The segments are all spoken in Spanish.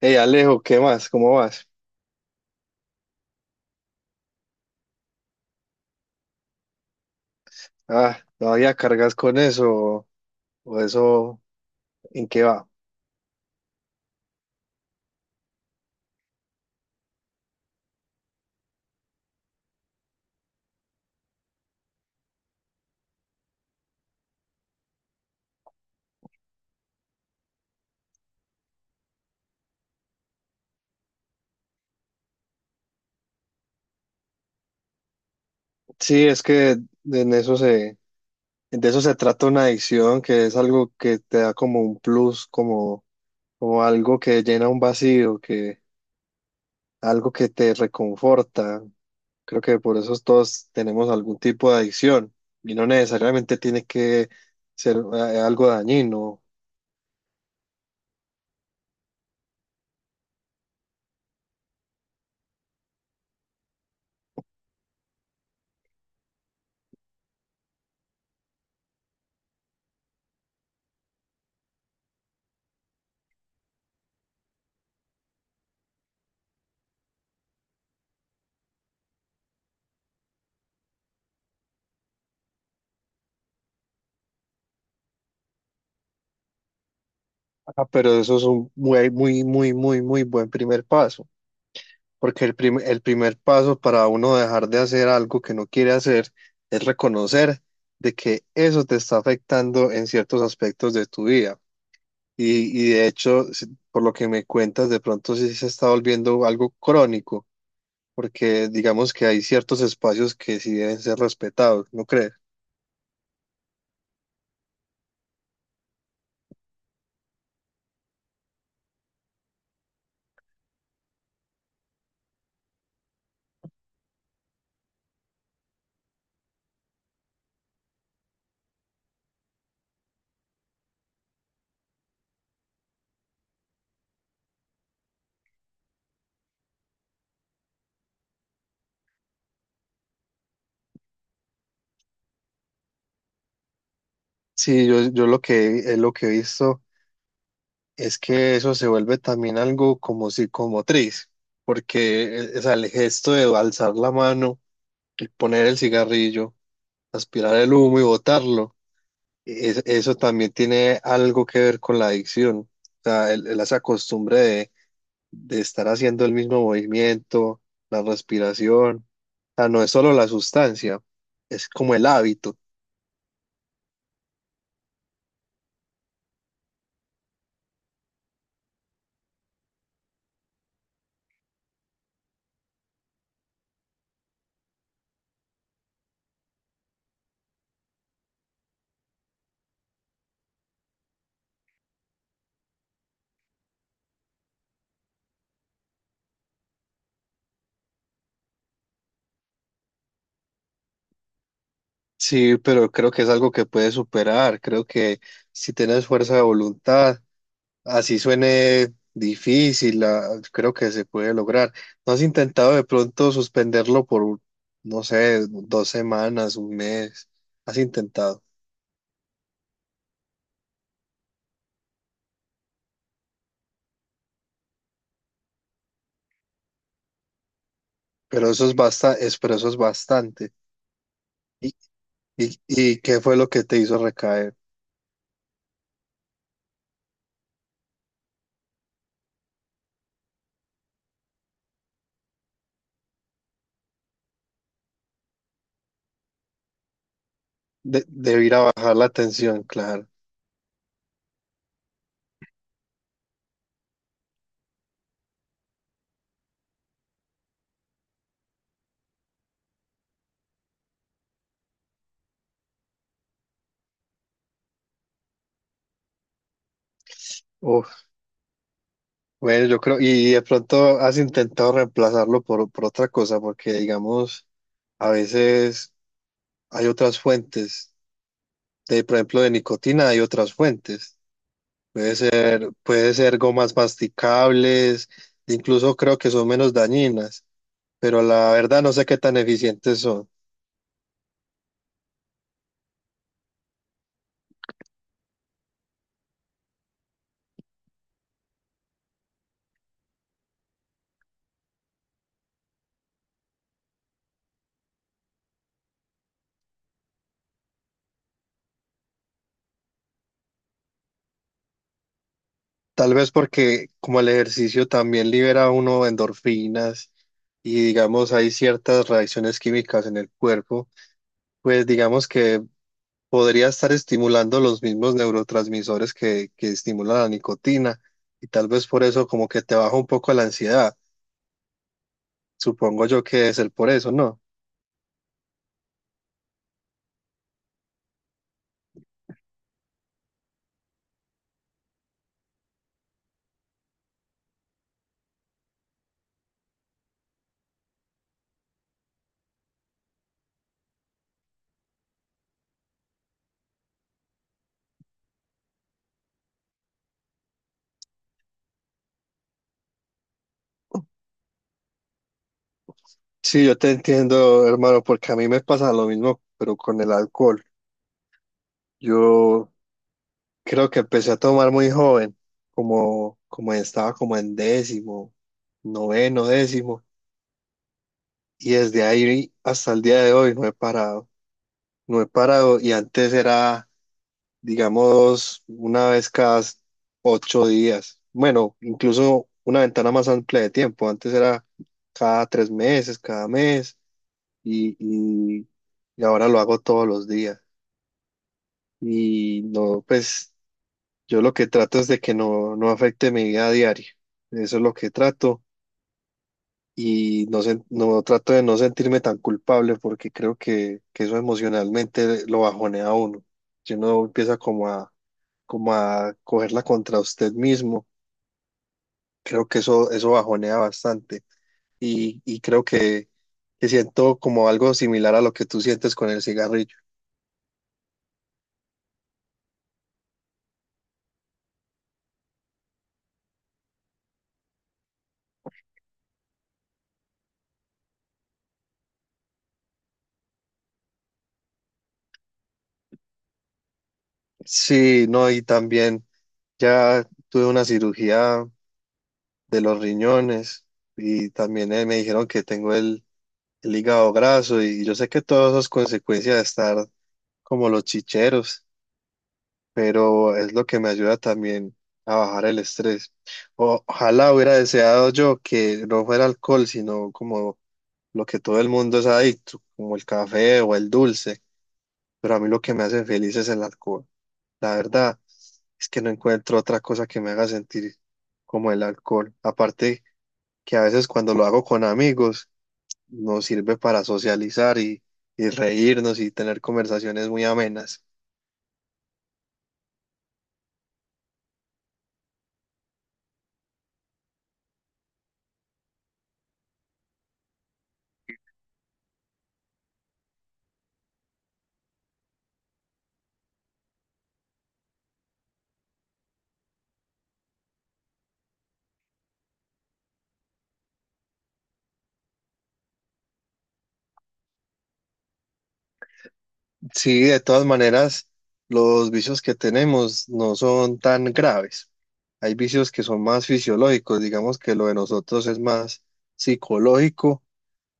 Hey Alejo, ¿qué más? ¿Cómo vas? Ah, ¿todavía cargas con eso o eso en qué va? Sí, es que de en eso se, de eso se trata una adicción, que es algo que te da como un plus, como, como algo que llena un vacío, que algo que te reconforta. Creo que por eso todos tenemos algún tipo de adicción y no necesariamente tiene que ser algo dañino. Ah, pero eso es un muy, muy, muy, muy, muy buen primer paso. Porque el primer paso para uno dejar de hacer algo que no quiere hacer es reconocer de que eso te está afectando en ciertos aspectos de tu vida. Y de hecho, por lo que me cuentas, de pronto sí se está volviendo algo crónico, porque digamos que hay ciertos espacios que sí deben ser respetados, ¿no crees? Sí, yo lo que he visto es que eso se vuelve también algo como psicomotriz, porque o sea, el gesto de alzar la mano, el poner el cigarrillo, aspirar el humo y botarlo, eso también tiene algo que ver con la adicción. O sea, esa costumbre de estar haciendo el mismo movimiento, la respiración. O sea, no es solo la sustancia, es como el hábito. Sí, pero creo que es algo que puedes superar. Creo que si tienes fuerza de voluntad, así suene difícil, creo que se puede lograr. ¿No has intentado de pronto suspenderlo por, no sé, dos semanas, un mes? Has intentado, pero eso es pero eso es bastante. ¿Y, y qué fue lo que te hizo recaer? De ir a bajar la tensión, claro. Uf, bueno, yo creo, y de pronto has intentado reemplazarlo por otra cosa, porque digamos, a veces hay otras fuentes, de, por ejemplo, de nicotina hay otras fuentes. Puede ser gomas masticables, incluso creo que son menos dañinas, pero la verdad no sé qué tan eficientes son. Tal vez porque como el ejercicio también libera a uno endorfinas y digamos hay ciertas reacciones químicas en el cuerpo, pues digamos que podría estar estimulando los mismos neurotransmisores que estimulan la nicotina y tal vez por eso como que te baja un poco la ansiedad. Supongo yo que es el por eso, ¿no? Sí, yo te entiendo, hermano, porque a mí me pasa lo mismo, pero con el alcohol. Yo creo que empecé a tomar muy joven, como, como estaba como en décimo, noveno, décimo, y desde ahí hasta el día de hoy no he parado, no he parado, y antes era, digamos, una vez cada ocho días, bueno, incluso una ventana más amplia de tiempo, antes era cada tres meses, cada mes, y, y y ahora lo hago todos los días. Y no, pues yo lo que trato es de que no, no afecte mi vida diaria. Eso es lo que trato y no, no trato de no sentirme tan culpable porque creo que eso emocionalmente lo bajonea a uno. Si uno empieza como a, como a cogerla contra usted mismo, creo que eso bajonea bastante y creo que siento como algo similar a lo que tú sientes con el cigarrillo. Sí, no, y también ya tuve una cirugía de los riñones y también me dijeron que tengo el hígado graso y yo sé que todo eso es consecuencia de estar como los chicheros, pero es lo que me ayuda también a bajar el estrés. Ojalá hubiera deseado yo que no fuera alcohol, sino como lo que todo el mundo es adicto, como el café o el dulce, pero a mí lo que me hace feliz es el alcohol. La verdad es que no encuentro otra cosa que me haga sentir como el alcohol. Aparte que a veces cuando lo hago con amigos nos sirve para socializar y reírnos y tener conversaciones muy amenas. Sí, de todas maneras, los vicios que tenemos no son tan graves. Hay vicios que son más fisiológicos, digamos que lo de nosotros es más psicológico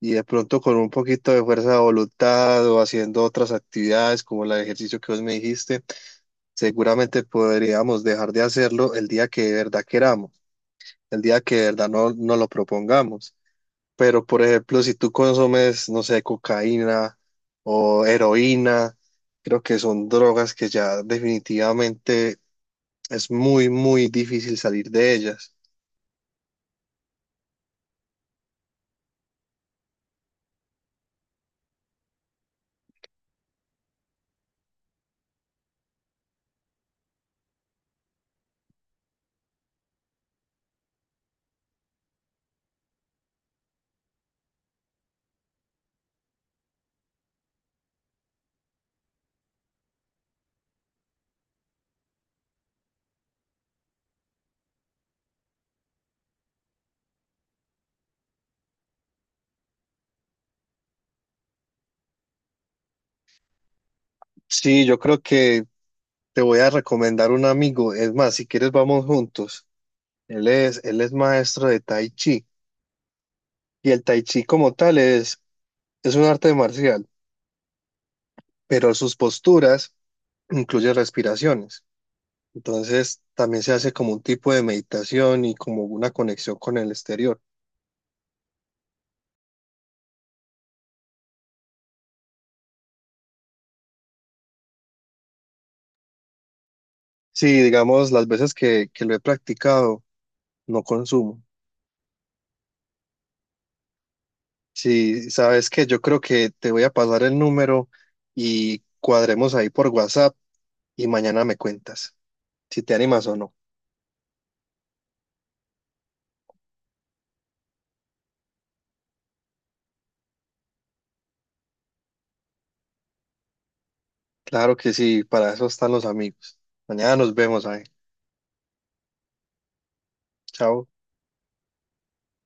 y de pronto con un poquito de fuerza de voluntad o haciendo otras actividades como el ejercicio que vos me dijiste, seguramente podríamos dejar de hacerlo el día que de verdad queramos, el día que de verdad no, no lo propongamos. Pero, por ejemplo, si tú consumes, no sé, cocaína o heroína, creo que son drogas que ya definitivamente es muy, muy difícil salir de ellas. Sí, yo creo que te voy a recomendar un amigo. Es más, si quieres, vamos juntos. Él es maestro de Tai Chi. Y el Tai Chi como tal es un arte marcial, pero sus posturas incluyen respiraciones. Entonces también se hace como un tipo de meditación y como una conexión con el exterior. Sí, digamos, las veces que lo he practicado, no consumo. Sí, sabes que yo creo que te voy a pasar el número y cuadremos ahí por WhatsApp y mañana me cuentas si te animas o no. Claro que sí, para eso están los amigos. Mañana nos vemos ahí. Chao.